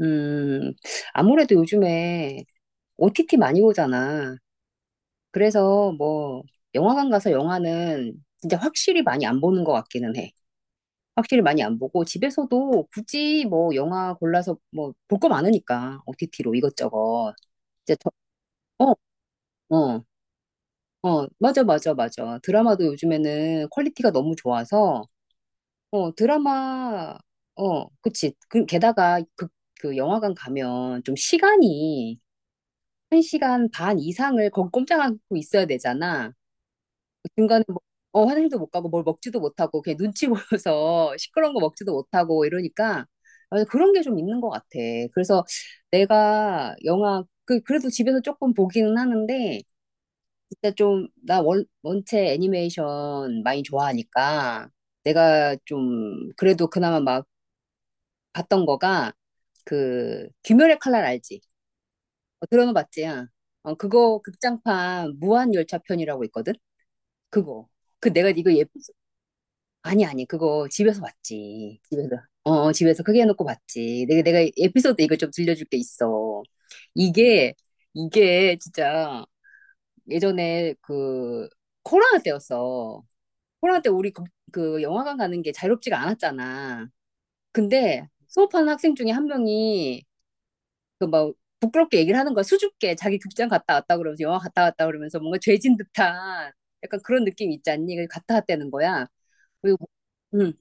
음, 아무래도 요즘에 OTT 많이 오잖아. 그래서 뭐, 영화관 가서 영화는 진짜 확실히 많이 안 보는 것 같기는 해. 확실히 많이 안 보고, 집에서도 굳이 뭐, 영화 골라서 뭐, 볼 거 많으니까, OTT로 이것저것. 이제 더, 어, 어, 맞아, 맞아, 맞아. 드라마도 요즘에는 퀄리티가 너무 좋아서, 어, 드라마, 그치. 그, 게다가 그, 그 영화관 가면 좀 시간이 1시간 반 이상을 거기 꼼짝 않고 있어야 되잖아. 중간에 뭐, 화장도 못 가고 뭘 먹지도 못하고 그냥 눈치 보여서 시끄러운 거 먹지도 못하고 이러니까 아, 그런 게 좀 있는 것 같아. 그래서 내가 영화 그, 그래도 집에서 조금 보기는 하는데 진짜 좀 나 원, 원체 애니메이션 많이 좋아하니까 내가 좀 그래도 그나마 막 봤던 거가 그 귀멸의 칼날 알지? 어, 들어는 봤지야. 어, 그거 극장판 무한열차 편이라고 있거든? 그거. 그 내가 이거 아니, 아니, 그거 집에서 봤지. 집에서. 어, 어, 집에서 크게 해놓고 봤지. 내가, 내가 에피소드 이거 좀 들려줄 게 있어. 이게, 이게 진짜 예전에 그 코로나 때였어. 코로나 때 우리 그, 그 영화관 가는 게 자유롭지가 않았잖아. 근데 수업하는 학생 중에 한 명이 그뭐 부끄럽게 얘기를 하는 거야. 수줍게 자기 극장 갔다 왔다 그러면서 영화 갔다 왔다 그러면서 뭔가 죄진 듯한 약간 그런 느낌 있지 않니? 그래서 갔다 왔다는 거야. 그리고 뭐,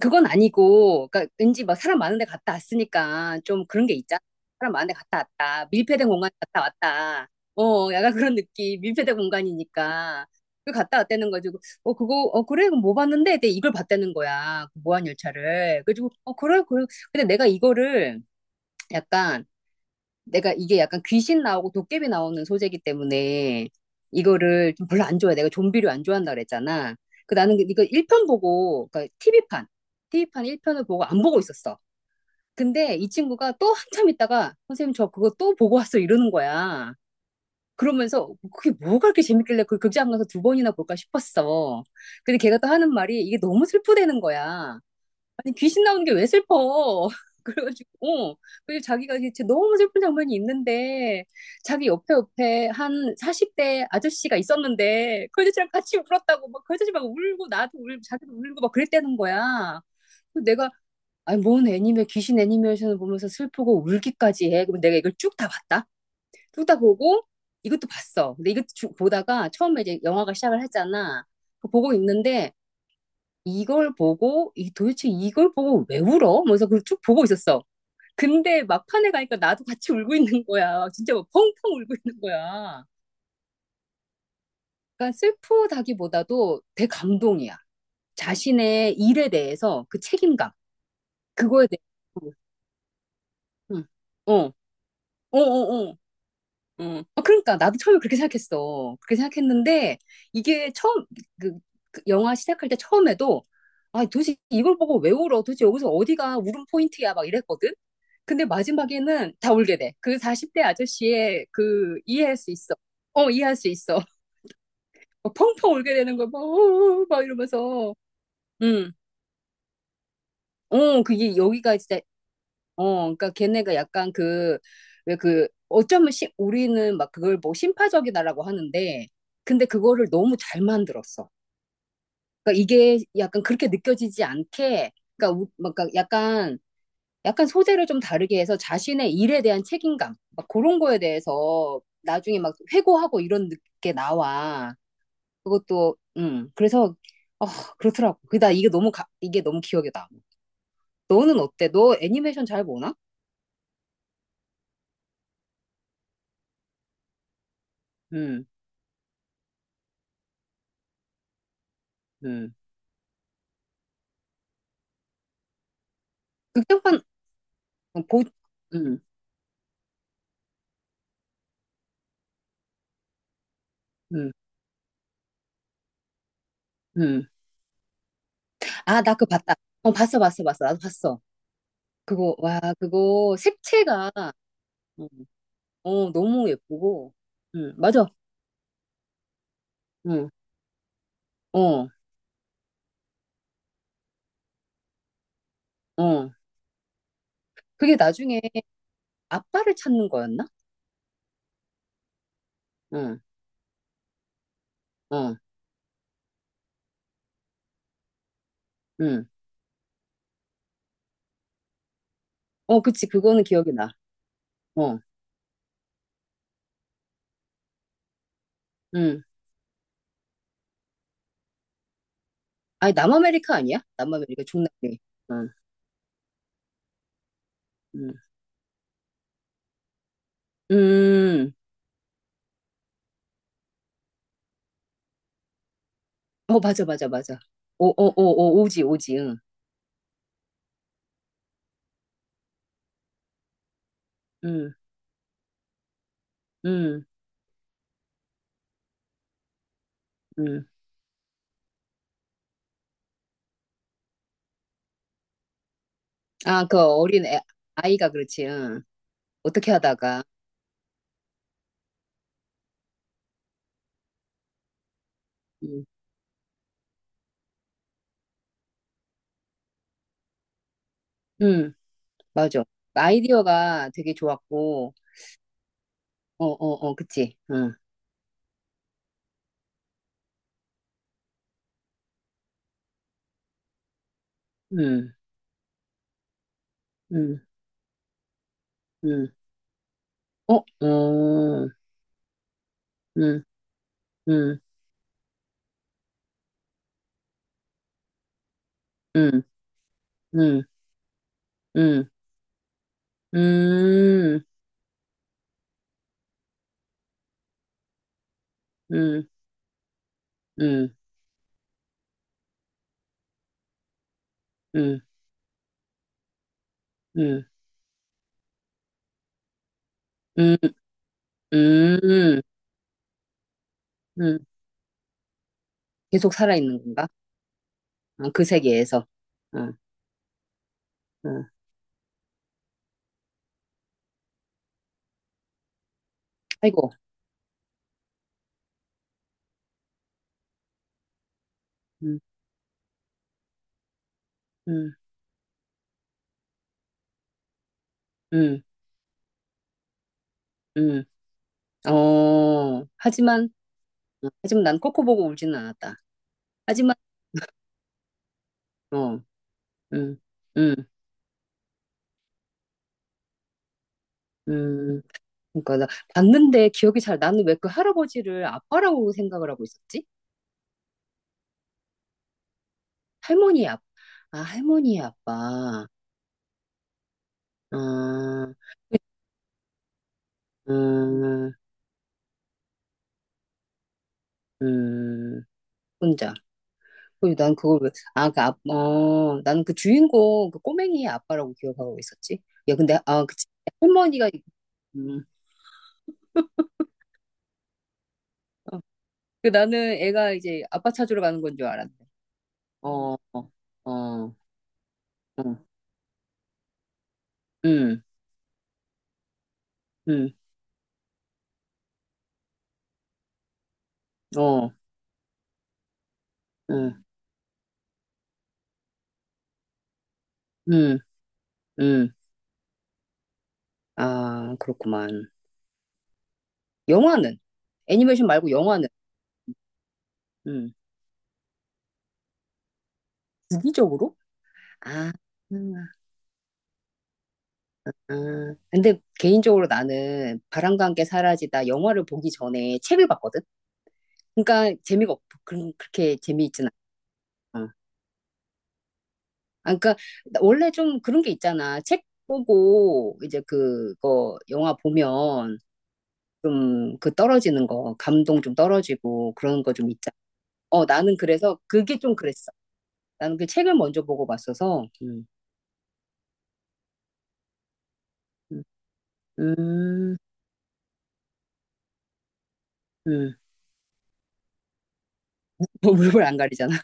그건 아니고, 그러니까 왠지 막 사람 많은 데 갔다 왔으니까 좀 그런 게 있잖아. 사람 많은 데 갔다 왔다. 밀폐된 공간에 갔다 왔다. 어, 약간 그런 느낌. 밀폐된 공간이니까. 그 갔다 왔다는 가지고, 그거, 그래, 그거 뭐 봤는데? 근데 이걸 봤다는 거야. 그 무한열차를. 그래가지고, 그래, 그래. 근데 내가 이거를 약간 내가 이게 약간 귀신 나오고 도깨비 나오는 소재이기 때문에 이거를 좀 별로 안 좋아해. 내가 좀비를 안 좋아한다 그랬잖아. 그 나는 이거 1편 보고, 그러니까 TV판, TV판 1편을 보고 안 보고 있었어. 근데 이 친구가 또 한참 있다가 선생님 저 그거 또 보고 왔어 이러는 거야. 그러면서 그게 뭐가 그렇게 재밌길래 그 극장 가서 두 번이나 볼까 싶었어. 근데 걔가 또 하는 말이 이게 너무 슬프대는 거야. 아니 귀신 나오는 게 왜 슬퍼? 그래가지고 어. 그리고 자기가 이 진짜 너무 슬픈 장면이 있는데 자기 옆에 옆에 한 40대 아저씨가 있었는데 그 아저씨랑 같이 울었다고 막 그 아저씨 막 울고 나도 울고 자기도 울고 막 그랬다는 거야. 그래서 내가 아니 뭔 애니메 귀신 애니메이션을 보면서 슬프고 울기까지 해. 그럼 내가 이걸 쭉 다 봤다. 쭉 다 보고 이것도 봤어. 근데 이것도 쭉 보다가 처음에 이제 영화가 시작을 했잖아. 그거 보고 있는데 이걸 보고 이 도대체 이걸 보고 왜 울어? 그래서 그걸 쭉 보고 있었어. 근데 막판에 가니까 나도 같이 울고 있는 거야. 진짜 막 펑펑 울고 있는 거야. 그러니까 슬프다기보다도 대감동이야. 자신의 일에 대해서 그 책임감, 그거에 대해서. 응. 어, 어, 어, 어, 그러니까 나도 처음에 그렇게 생각했어. 그렇게 생각했는데 이게 처음 그, 그 영화 시작할 때 처음에도 아 도대체 이걸 보고 왜 울어? 도대체 여기서 어디가 울음 포인트야? 막 이랬거든. 근데 마지막에는 다 울게 돼. 그 40대 아저씨의 그 이해할 수 있어. 어 이해할 수 있어. 막 펑펑 울게 되는 거막 막 어, 어, 막 이러면서 음. 어 그게 여기가 진짜 그러니까 걔네가 약간 그, 왜 그, 어쩌면 시, 우리는 막 그걸 뭐 심파적이다라고 하는데, 근데 그거를 너무 잘 만들었어. 그러니까 이게 약간 그렇게 느껴지지 않게, 그러니까, 우, 막 그러니까 약간, 약간 소재를 좀 다르게 해서 자신의 일에 대한 책임감, 막 그런 거에 대해서 나중에 막 회고하고 이런 느- 게 나와. 그것도, 그래서, 어, 그렇더라고. 그다 이게 너무, 가- 이게 너무 기억에 나. 너는 어때? 너 애니메이션 잘 보나? 음, 음. 극장판 어, 보, 음, 음, 음. 아, 나 그거 봤다. 어, 봤어, 봤어, 봤어. 나도 봤어. 그거, 와, 그거 색채가, 음, 어, 너무 예쁘고, 맞아. 응, 어, 어. 그게 나중에 아빠를 찾는 거였나? 응, 어, 응. 어, 그치. 그거는 기억이 나. 어, 응. 아니, 남아메리카 아니야? 남아메리카 중남미. 응, 응. 음, 어, 맞아, 맞아, 맞아. 오, 오, 오, 오, 오지, 오지, 응. 응, 응, 응. 아, 그 어린 애, 아이가 그렇지. 응. 어떻게 하다가. 응. 응, 맞아. 아이디어가 되게 좋았고. 어, 어, 어, 그치. 응. 응. 응. 응. 어, 어. 응. 응. 응. 응. 응. 음. 응. 응. 응. 응. 응. 응. 응. 응. 계속 살아있는 건가? 어, 그 세계에서. 응. 응. 아이고. 응. 응. 응. 응. 어. 하지만 어, 하지만 난 코코 보고 울지는 않았다. 하지만 어, 음, 음, 음. 그러니까 나 봤는데 기억이 잘 나는 왜 그 할아버지를 아빠라고 생각을 하고 있었지? 할머니의 아빠. 아, 할머니의 아빠. 아, 음, 음, 혼자. 그리고 난 그걸 왜, 아, 그, 아, 어, 나는 그 주인공, 그 꼬맹이의 아빠라고 기억하고 있었지. 야, 근데, 아, 그치. 할머니가, 음, 어. 그 나는 애가 이제 아빠 찾으러 가는 건 줄 알았네. 어, 어, 어. 어. 음, 음, 어, 음, 음, 음. 아, 그렇구만. 영화는? 애니메이션 말고 영화는? 음, 주기적으로? 아, 음, 아. 근데 개인적으로 나는 바람과 함께 사라지다 영화를 보기 전에 책을 봤거든? 그러니까 재미가 없, 그런, 그렇게 재미있진 않아. 아, 그러니까 나- 원래 좀 그런 게 있잖아. 책 보고 이제 그거 영화 보면 좀 그 떨어지는 거, 감동 좀 떨어지고 그런 거 좀 있잖아. 어, 나는 그래서 그게 좀 그랬어. 나는 그 책을 먼저 보고 봤어서, 음, 음, 음. 뭐 물불 안 가리잖아.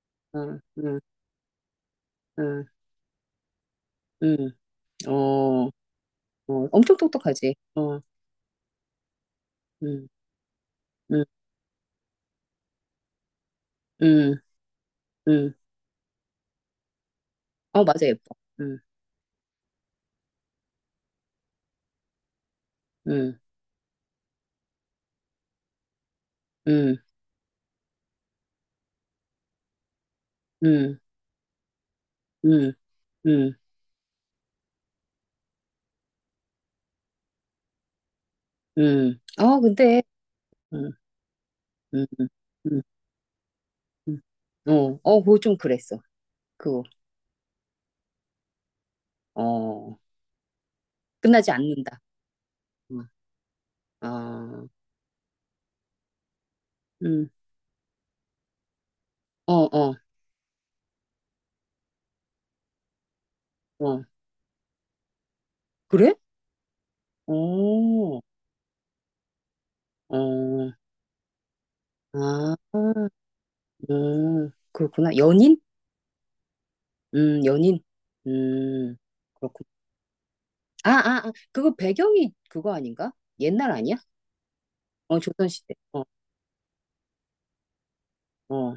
응, 응, 응, 응. 어, 어, 엄청 똑똑하지. 어, 응, 응, 응, 응. 어, 맞아, 예뻐. 응, 응, 응, 응, 응, 응, 응. 아, 근데, 응, 응, 응, 응. 응. 어, 어, 그거 좀 그랬어. 그거, 어, 끝나지 않는다. 어, 어, 음, 어, 어, 어. 그래? 오, 어, 아, 그렇구나. 연인? 연인. 음, 그렇군. 아, 아, 아, 그거 배경이 그거 아닌가? 옛날 아니야? 어, 조선시대. 어, 어,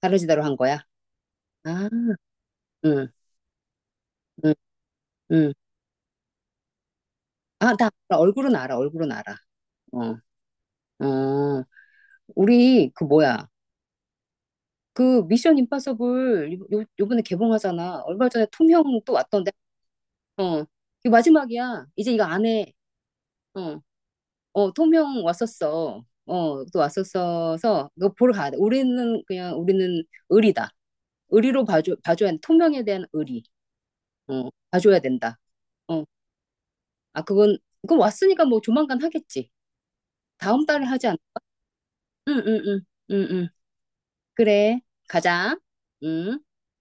사라지다로 한 거야? 아, 응, 응, 응. 아, 나 알아. 얼굴은 알아, 얼굴은 알아. 어, 어, 우리, 그 뭐야. 그 미션 임파서블 요, 요- 요번에 개봉하잖아. 얼마 전에 톰 형 또 왔던데. 어, 이 마지막이야. 이제 이거 안 해. 어. 어, 통영 왔었어. 어, 또 왔었어서 너 보러 가야 돼. 우리는 그냥 우리는 의리다. 의리로 봐줘, 봐줘야 돼. 통영에 대한 의리. 어, 봐줘야 된다. 어, 아, 그건, 그건 왔으니까 뭐 조만간 하겠지. 다음 달에 하지 않을까? 응, 응, 응, 응, 응. 그래, 가자. 응.